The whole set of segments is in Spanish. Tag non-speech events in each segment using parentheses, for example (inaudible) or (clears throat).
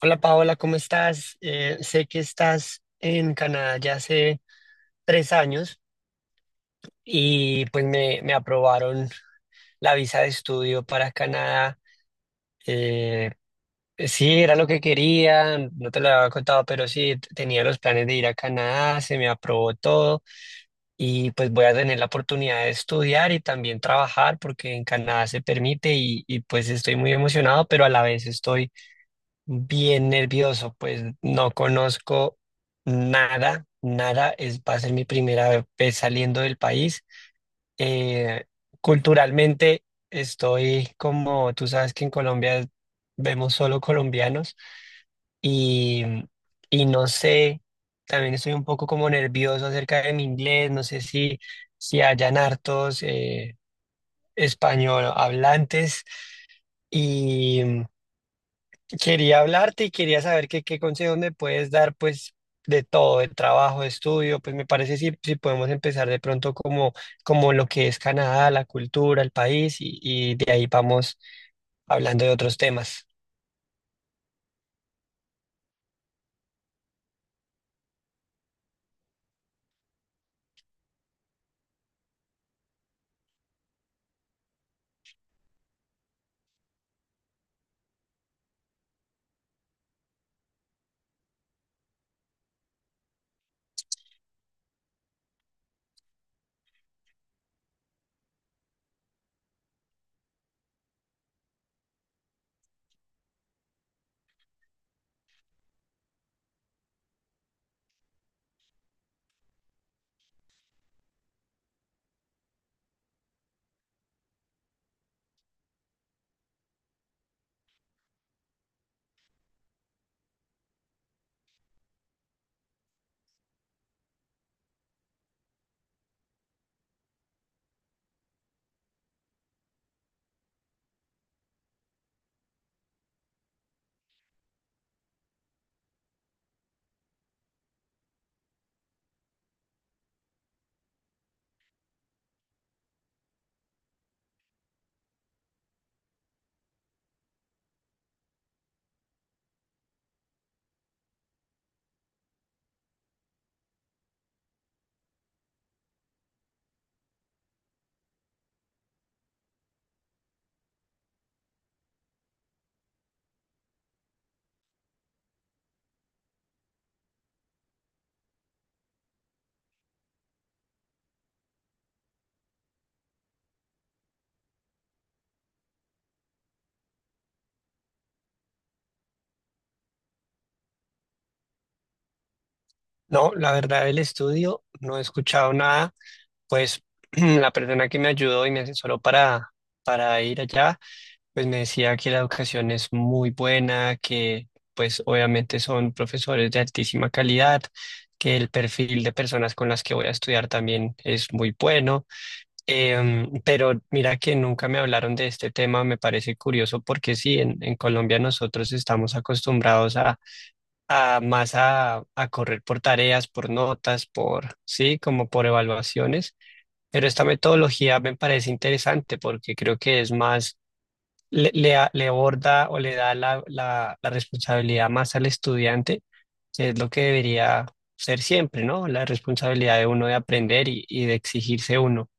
Hola Paola, ¿cómo estás? Sé que estás en Canadá ya hace 3 años y pues me aprobaron la visa de estudio para Canadá. Eh, sí, era lo que quería, no te lo había contado, pero sí, tenía los planes de ir a Canadá, se me aprobó todo y pues voy a tener la oportunidad de estudiar y también trabajar porque en Canadá se permite y pues estoy muy emocionado, pero a la vez estoy bien nervioso, pues no conozco nada, nada, es, va a ser mi primera vez saliendo del país. Eh, Culturalmente estoy como, tú sabes que en Colombia vemos solo colombianos y, y no sé, también estoy un poco como nervioso acerca de mi inglés, no sé si, si hayan hartos español hablantes. Y quería hablarte y quería saber qué, qué consejo me puedes dar, pues, de todo, de trabajo, de estudio, pues me parece si, si podemos empezar de pronto como, como lo que es Canadá, la cultura, el país, y de ahí vamos hablando de otros temas. No, la verdad, el estudio, no he escuchado nada, pues (clears throat) la persona que me ayudó y me asesoró para ir allá. Pues me decía que la educación es muy buena, que pues obviamente son profesores de altísima calidad, que el perfil de personas con las que voy a estudiar también es muy bueno. Pero mira que nunca me hablaron de este tema, me parece curioso porque sí, en Colombia nosotros estamos acostumbrados a más a correr por tareas, por notas, por, sí, como por evaluaciones, pero esta metodología me parece interesante porque creo que es más le aborda o le da la responsabilidad más al estudiante, que es lo que debería ser siempre, ¿no? La responsabilidad de uno de aprender y de exigirse uno.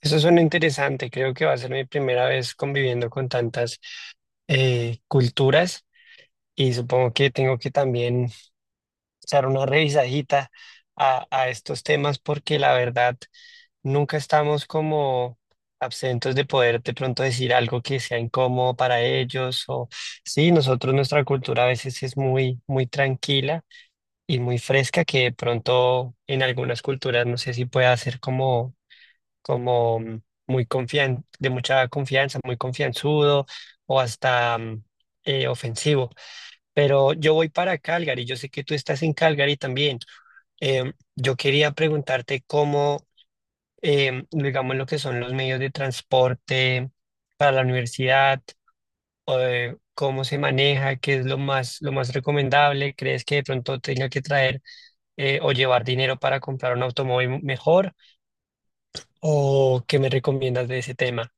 Eso suena interesante, creo que va a ser mi primera vez conviviendo con tantas culturas y supongo que tengo que también echar una revisadita a estos temas porque la verdad nunca estamos como absentos de poder de pronto decir algo que sea incómodo para ellos o sí, nosotros nuestra cultura a veces es muy muy tranquila y muy fresca que de pronto en algunas culturas no sé si pueda ser como como mm, muy confian de mucha confianza, muy confianzudo o hasta ofensivo. Pero yo voy para Calgary, yo sé que tú estás en Calgary también. Yo quería preguntarte cómo digamos, lo que son los medios de transporte para la universidad, cómo se maneja, qué es lo más recomendable, ¿crees que de pronto tenga que traer o llevar dinero para comprar un automóvil mejor? ¿O qué me recomiendas de ese tema?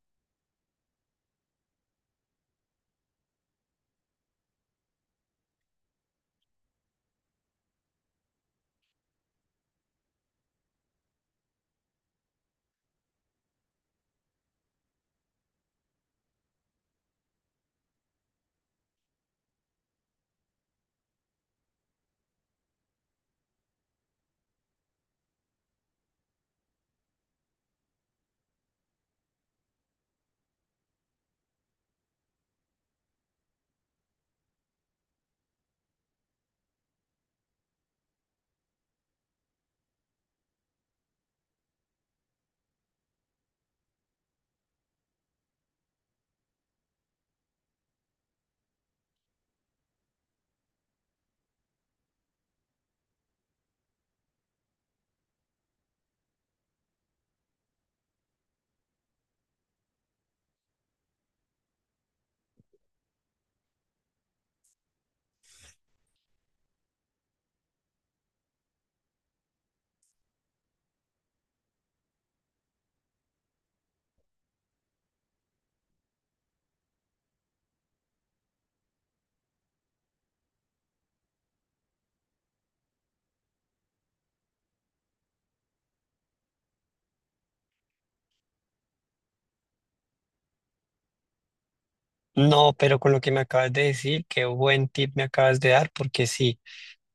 No, pero con lo que me acabas de decir, qué buen tip me acabas de dar, porque sí,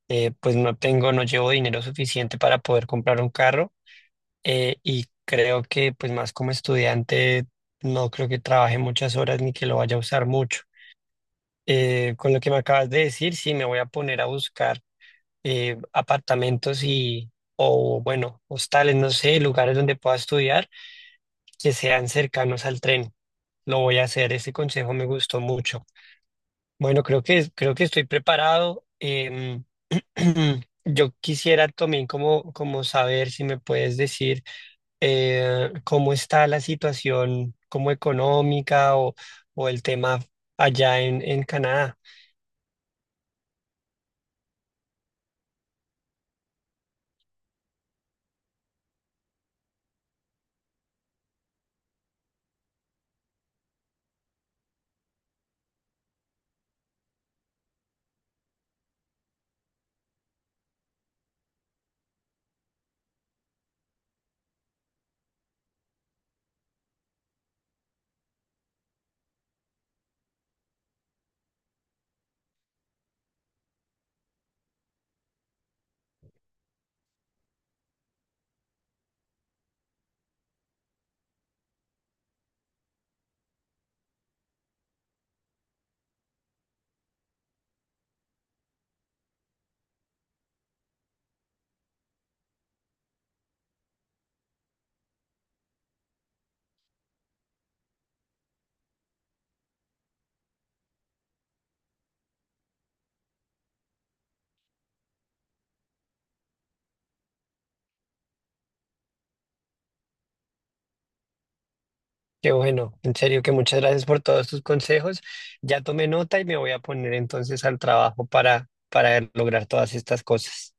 pues no tengo, no llevo dinero suficiente para poder comprar un carro. Y creo que pues más como estudiante no creo que trabaje muchas horas ni que lo vaya a usar mucho. Con lo que me acabas de decir, sí, me voy a poner a buscar apartamentos y, o bueno, hostales, no sé, lugares donde pueda estudiar que sean cercanos al tren. Lo voy a hacer, ese consejo me gustó mucho. Bueno, creo que estoy preparado. (clears throat) Yo quisiera también como, como saber si me puedes decir cómo está la situación como económica o el tema allá en Canadá. Que bueno, en serio que muchas gracias por todos tus consejos. Ya tomé nota y me voy a poner entonces al trabajo para lograr todas estas cosas.